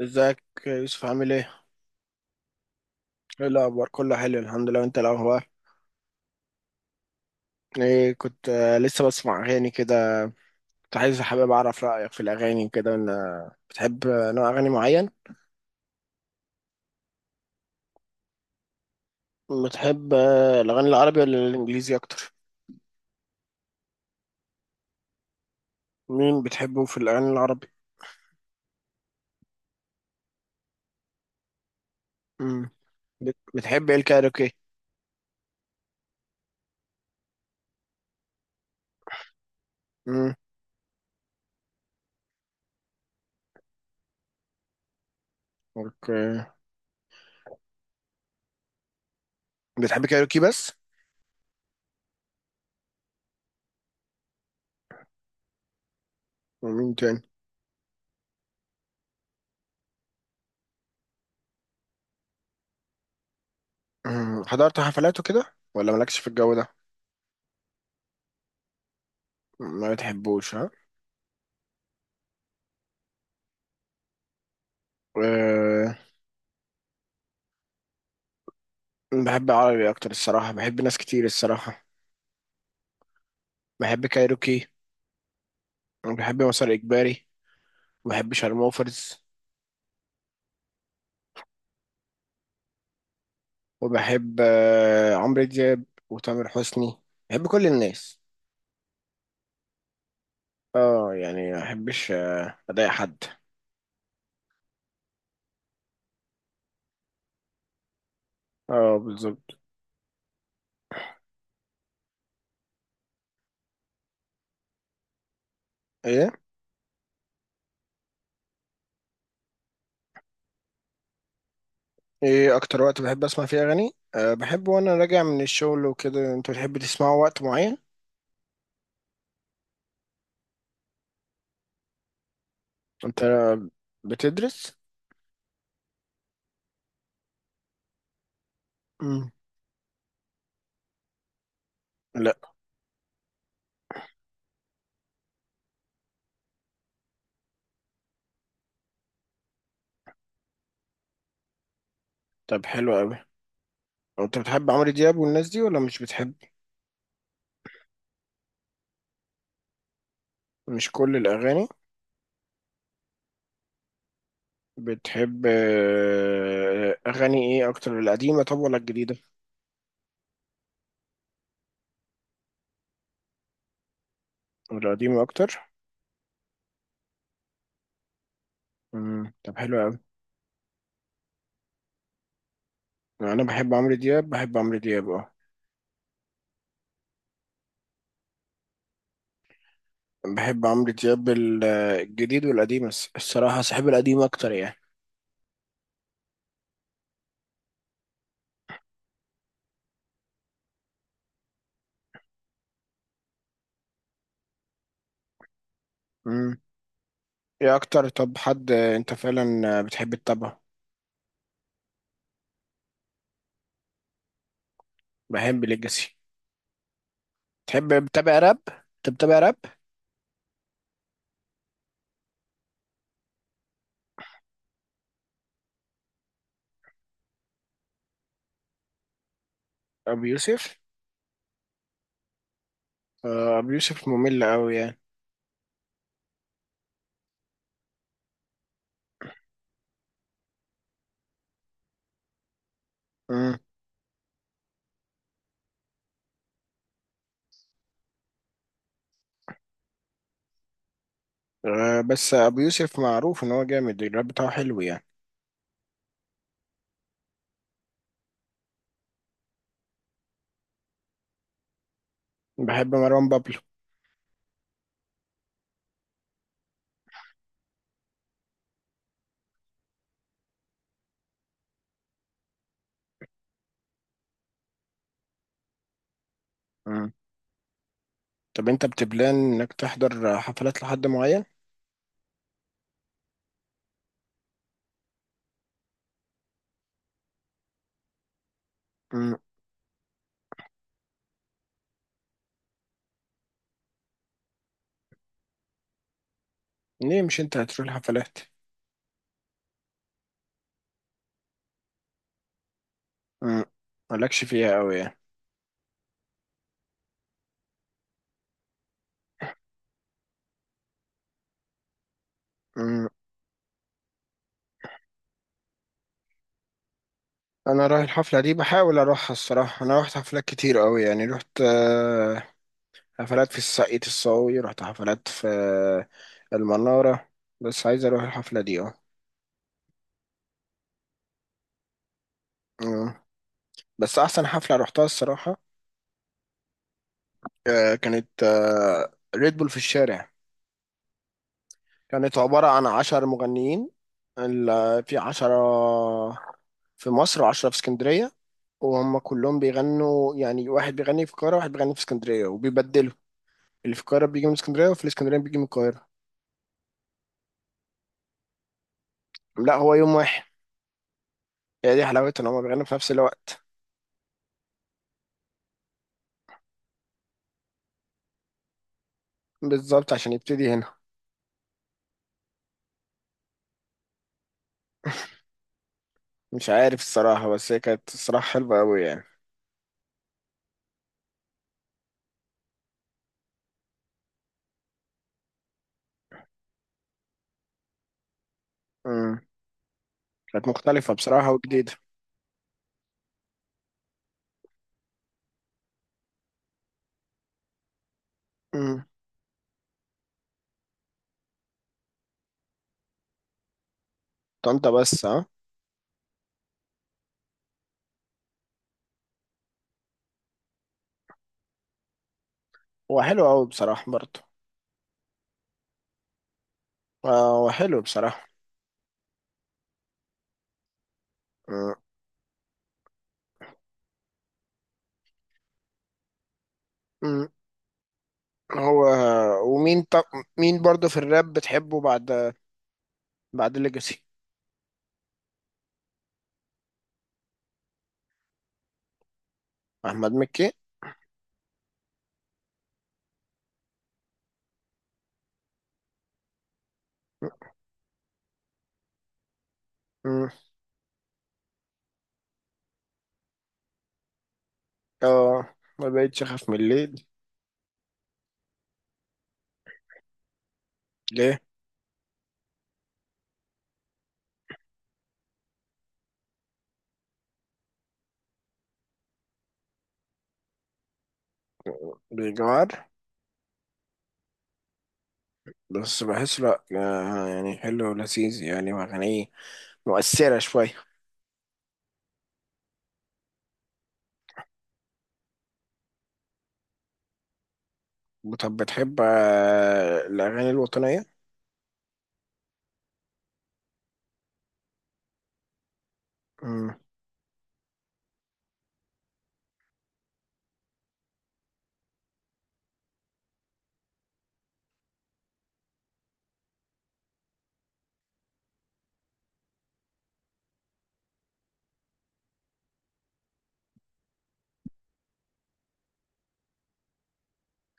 ازيك يا يوسف عامل ايه؟ ايه الاخبار؟ كله حلو الحمد لله وانت الاخبار؟ ايه كنت لسه بسمع اغاني كده. كنت عايز حابب اعرف رايك في الاغاني كده ان بتحب نوع اغاني معين؟ بتحب الاغاني العربي ولا الانجليزي اكتر؟ مين بتحبه في الاغاني العربي؟ امم. بتحب ايه الكايروكي؟ امم. اوكي. بتحب كايروكي بس؟ ومين تاني؟ مم. حضرت حفلاته كده ولا مالكش في الجو ده؟ ما بتحبوش ها؟ أه. بحب عربي اكتر الصراحه، بحب ناس كتير الصراحه. بحب كايروكي وبحب مسار إجباري وبحب شارموفرز وبحب عمرو دياب وتامر حسني. بحب كل الناس. اه يعني ما بحبش أضايق حد. اه بالظبط. ايه؟ ايه اكتر وقت بحب اسمع فيه اغاني؟ بحب وانا راجع من الشغل وكده. انت بتحب تسمعه وقت معين؟ انت بتدرس؟ مم. لا. طب حلو قوي. انت بتحب عمرو دياب والناس دي ولا مش بتحب؟ مش كل الاغاني. بتحب أغاني إيه أكتر، القديمة طب ولا الجديدة؟ القديمة أكتر؟ مم. طب حلو أوي. أنا بحب عمرو دياب، بحب عمرو دياب. بحب عمرو دياب الجديد والقديم، الصراحة صاحب القديم أكتر يعني. مم. إيه أكتر طب حد، أنت فعلا بتحب تتابعه؟ بحب ليجاسي. تحب بتابع راب؟ أنت بتابع راب؟ أبو يوسف؟ أبو يوسف ممل أوي يعني. مم. بس أبو يوسف معروف إن هو جامد، الراب بتاعه حلو يعني. بحب مروان بابلو. مم. طب انت بتبلان انك تحضر حفلات لحد معين؟ مم. ليه مش انت هتروح الحفلات؟ مم. مالكش فيها قوي يعني. مم. انا رايح الحفله دي، بحاول اروحها الصراحه. انا رحت حفلات كتير قوي يعني، رحت حفلات في الساقية الصاوي، رحت حفلات في المناره. بس عايز اروح الحفله دي اه. مم. بس احسن حفله رحتها الصراحه كانت ريد بول في الشارع. كانت عبارة عن 10 مغنيين. في 10 في مصر و10 في اسكندرية. وهم كلهم بيغنوا، يعني واحد بيغني في القاهرة واحد بيغني في اسكندرية وبيبدلوا. اللي في القاهرة بيجي من اسكندرية، وفي الاسكندرية بيجي من القاهرة. لا، هو يوم واحد. هي دي حلاوتها، ان هما بيغنوا في نفس الوقت. بالظبط، عشان يبتدي هنا. مش عارف الصراحة، بس هي كانت الصراحة حلوة أوي يعني. امم. كانت مختلفة بصراحة وجديدة. امم. طنطا بس ها. هو حلو أوي بصراحة برضه. هو حلو بصراحة. امم. هو ومين طب، مين برضه في الراب بتحبه، بعد بعد ليجاسي؟ احمد مكي. مم. اه، ما بقتش اخاف من الليل. ليه؟ بيجوار. بس بحس لا، يعني حلو ولذيذ يعني، واغانيه مؤثرة شوية. طب بتحب الأغاني الوطنية؟ مم.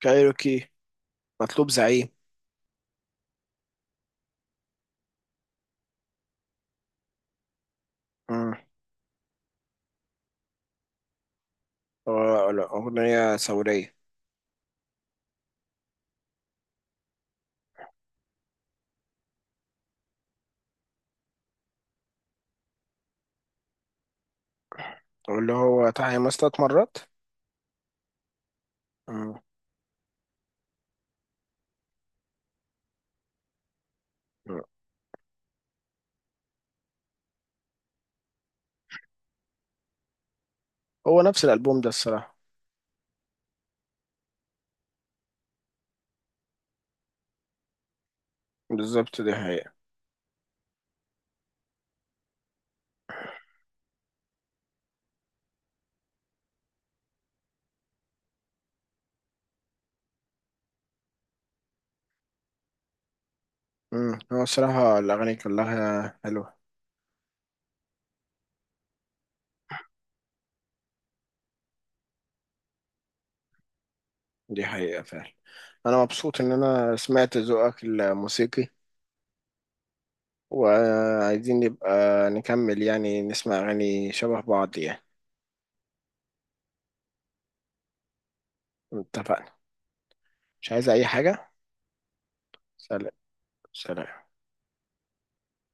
كايروكي مطلوب زعيم. مم. لا، أغنية ثورية. واللي هو تعالى 6 مرات. مم. هو نفس الألبوم ده الصراحة. بالظبط ده. امم. هو الصراحة الأغاني كلها حلوة. دي حقيقة فعلا. أنا مبسوط إن أنا سمعت ذوقك الموسيقي، وعايزين نبقى نكمل يعني، نسمع أغاني شبه بعض يعني. اتفقنا. مش عايز أي حاجة. سلام. سلام.